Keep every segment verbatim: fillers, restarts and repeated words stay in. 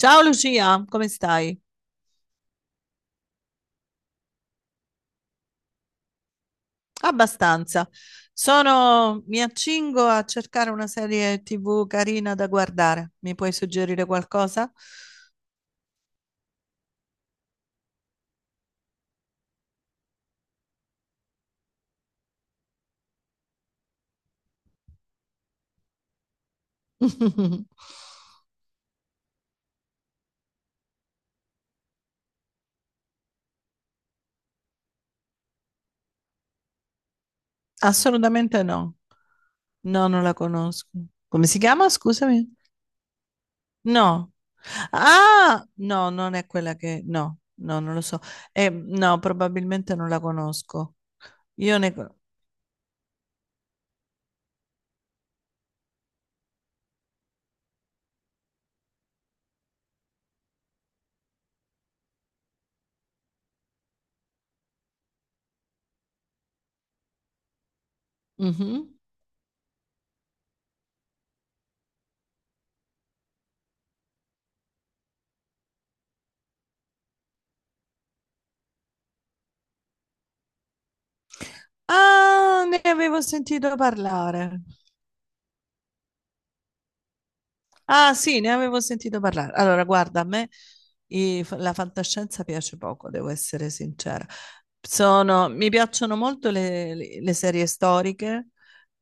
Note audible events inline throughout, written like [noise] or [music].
Ciao Lucia, come stai? Abbastanza. Sono... Mi accingo a cercare una serie T V carina da guardare. Mi puoi suggerire qualcosa? [laughs] Assolutamente no. No, non la conosco. Come si chiama? Scusami. No. Ah, no, non è quella che... No, no, non lo so. Eh, no, probabilmente non la conosco. Io ne... Mhm. Ah, ne avevo sentito parlare. Ah, sì, ne avevo sentito parlare. Allora, guarda, a me i- fa- la fantascienza piace poco, devo essere sincera. Sono- mi piacciono molto le, le- le serie storiche,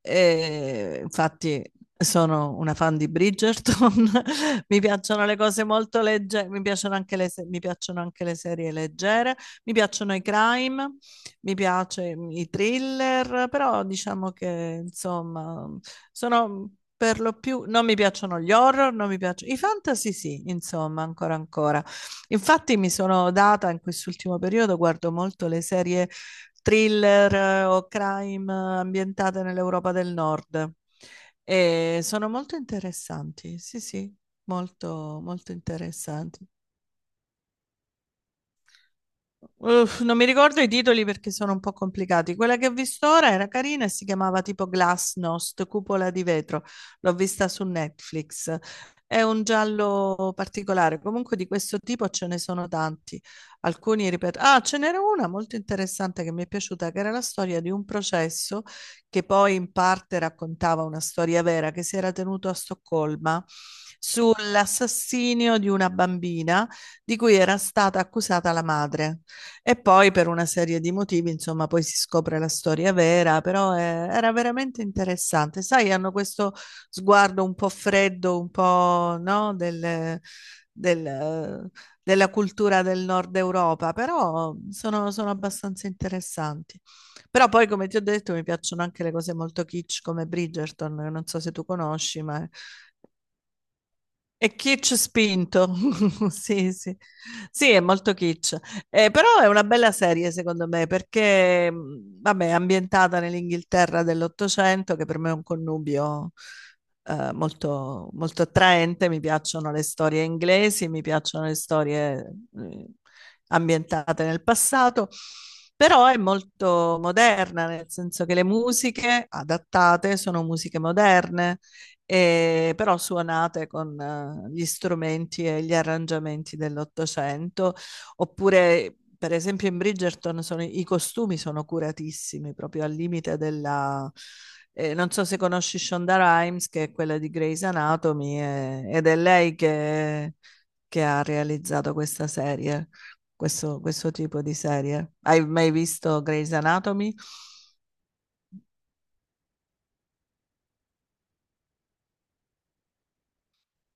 e infatti sono una fan di Bridgerton. [laughs] Mi piacciono le cose molto leggere, mi piacciono anche le se- mi piacciono anche le serie leggere, mi piacciono i crime, mi piace i thriller, però diciamo che insomma sono per lo più, non mi piacciono gli horror, non mi piacciono i fantasy, sì, insomma, ancora ancora. Infatti mi sono data in quest'ultimo periodo, guardo molto le serie thriller eh, o crime eh, ambientate nell'Europa del Nord e sono molto interessanti, sì, sì, molto molto interessanti. Uff, non mi ricordo i titoli perché sono un po' complicati. Quella che ho visto ora era carina e si chiamava tipo Glasnost, cupola di vetro. L'ho vista su Netflix. È un giallo particolare. Comunque di questo tipo ce ne sono tanti. Alcuni, ripeto, ah, ce n'era una molto interessante che mi è piaciuta, che era la storia di un processo che poi in parte raccontava una storia vera che si era tenuto a Stoccolma sull'assassinio di una bambina di cui era stata accusata la madre. E poi per una serie di motivi, insomma, poi si scopre la storia vera, però eh, era veramente interessante. Sai, hanno questo sguardo un po' freddo, un po', no, del, del, eh, della cultura del nord Europa, però sono, sono abbastanza interessanti. Però poi, come ti ho detto, mi piacciono anche le cose molto kitsch come Bridgerton, non so se tu conosci, ma è kitsch spinto, [laughs] sì, sì, sì, è molto kitsch. Eh, però è una bella serie secondo me perché, mh, vabbè, è ambientata nell'Inghilterra dell'Ottocento, che per me è un connubio eh, molto, molto attraente, mi piacciono le storie inglesi, mi piacciono le storie eh, ambientate nel passato, però è molto moderna, nel senso che le musiche adattate sono musiche moderne e- però suonate con eh, gli strumenti e gli arrangiamenti dell'Ottocento, oppure per esempio in Bridgerton sono- i costumi sono curatissimi, proprio al limite della... eh, non so se conosci Shonda Rhimes, che è quella di Grey's Anatomy, e- ed è lei che, che ha realizzato questa serie, questo, questo tipo di serie. Hai mai visto Grey's Anatomy?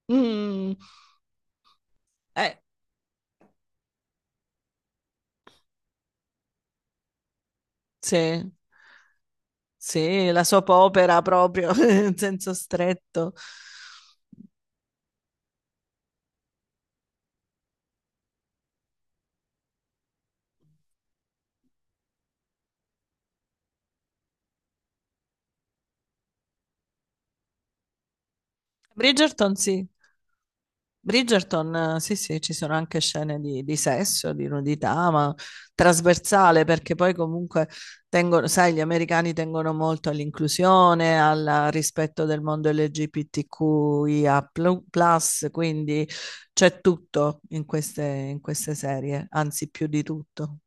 Mm, eh, sì. Sì, la soap opera proprio, [laughs] in senso stretto. Bridgerton, sì. Bridgerton, eh, sì, sì, ci sono anche scene di, di sesso, di nudità, ma trasversale, perché poi comunque tengono, sai, gli americani tengono molto all'inclusione, al rispetto del mondo LGBTQIA+, quindi c'è tutto in queste, in queste serie, anzi più di tutto.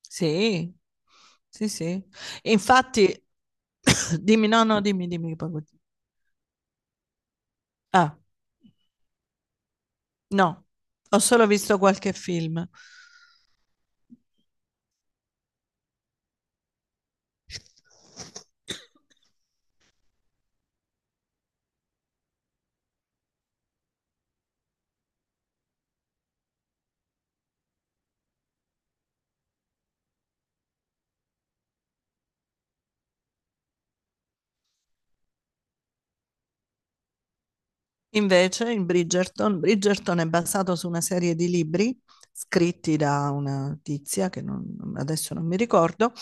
Sì, sì, sì. Infatti, [coughs] dimmi, no, no, dimmi, dimmi. Che poi continu- Ah, no, ho solo visto qualche film. Invece, in Bridgerton, Bridgerton è basato su una serie di libri scritti da una tizia che non- adesso non mi ricordo,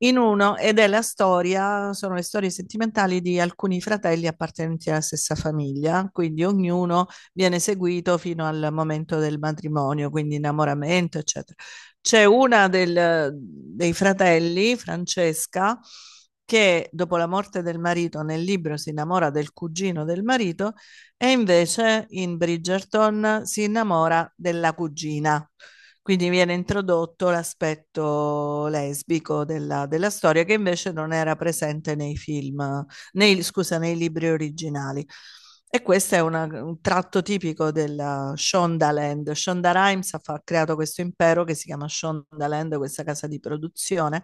in uno, ed è la storia, sono le storie sentimentali di alcuni fratelli appartenenti alla stessa famiglia, quindi ognuno viene seguito fino al momento del matrimonio, quindi innamoramento, eccetera. C'è una del- dei fratelli, Francesca, che dopo la morte del marito nel libro si innamora del cugino del marito e invece in Bridgerton si innamora della cugina. Quindi viene introdotto l'aspetto lesbico della, della storia che invece non era presente nei film, nei, scusa, nei libri originali. E questo è una- un tratto tipico della Shondaland. Shonda Rhimes ha, fa- ha creato questo impero che si chiama Shondaland, questa casa di produzione,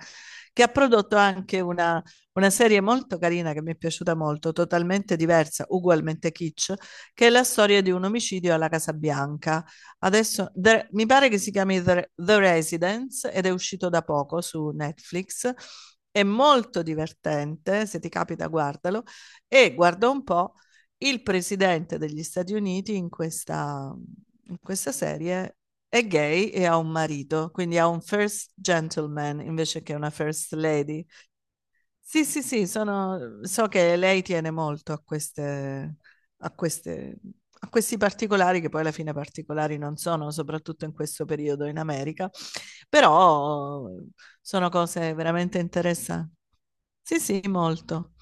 che ha prodotto anche una, una serie molto carina che mi è piaciuta molto, totalmente diversa, ugualmente kitsch, che è la storia di un omicidio alla Casa Bianca. Adesso The- mi pare che si chiami The, The Residence ed è uscito da poco su Netflix. È molto divertente, se ti capita guardalo. E guarda un po', il presidente degli Stati Uniti in questa, in questa serie è gay e ha un marito, quindi ha un first gentleman invece che una first lady. Sì, sì, sì, sono- so che lei tiene molto a queste, a queste- a questi particolari, che poi alla fine particolari non sono, soprattutto in questo periodo in America, però sono cose veramente interessanti. Sì, sì, molto.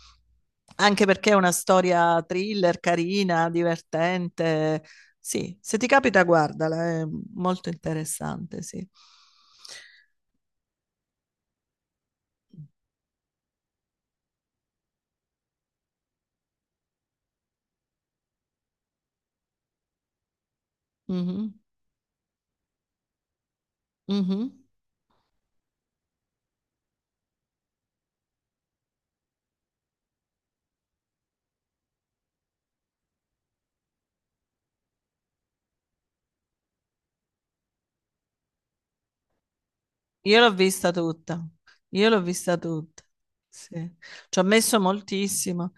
Anche perché è una storia thriller, carina, divertente. Sì, se ti capita, guardala, è molto interessante, sì. Mhm, mhm. Io l'ho vista tutta, io l'ho vista tutta, sì. Ci ho messo moltissimo,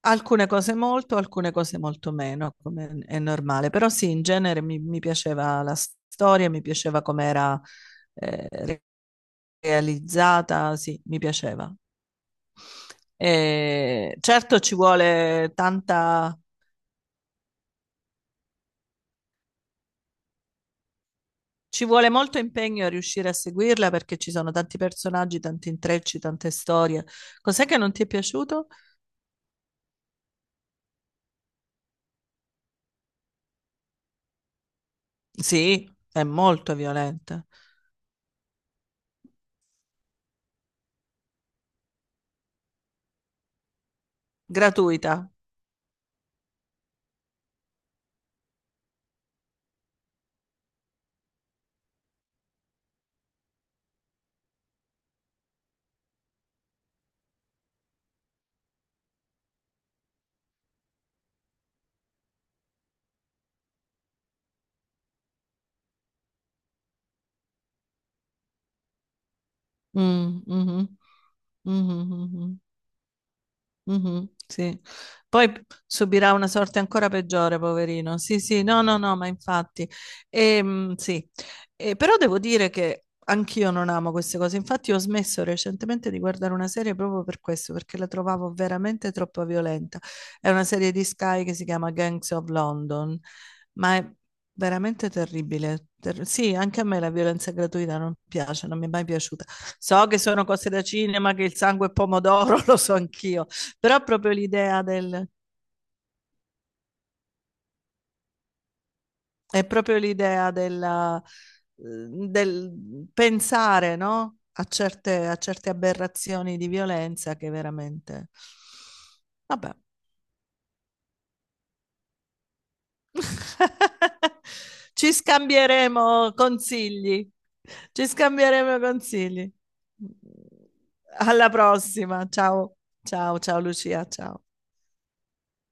alcune cose molto, alcune cose molto meno, come è normale, però sì, in genere mi, mi piaceva la storia, mi piaceva com'era eh, re- realizzata, sì, mi piaceva. E certo ci vuole tanta, ci vuole molto impegno a riuscire a seguirla perché ci sono tanti personaggi, tanti intrecci, tante storie. Cos'è che non ti è piaciuto? Sì, è molto violenta. Gratuita. Mm, mhm, mhm, mhm. Mhm, sì. Poi p- subirà una sorte ancora peggiore, poverino. Sì, sì, no, no, no, ma infatti. Ehm, sì. Eh, però devo dire che anch'io non amo queste cose. Infatti ho smesso recentemente di guardare una serie proprio per questo, perché la trovavo veramente troppo violenta. È una serie di Sky che si chiama Gangs of London, ma è veramente terribile. Ter- sì, anche a me la violenza gratuita non piace, non mi è mai piaciuta. So che sono cose da cinema, che il sangue è pomodoro, [laughs] lo so anch'io, però proprio l'idea del, è proprio l'idea della- eh, del pensare, no? A certe, a certe aberrazioni di violenza che veramente. Vabbè. [laughs] Ci scambieremo consigli. Ci scambieremo consigli. Alla prossima. Ciao, ciao, ciao Lucia, ciao.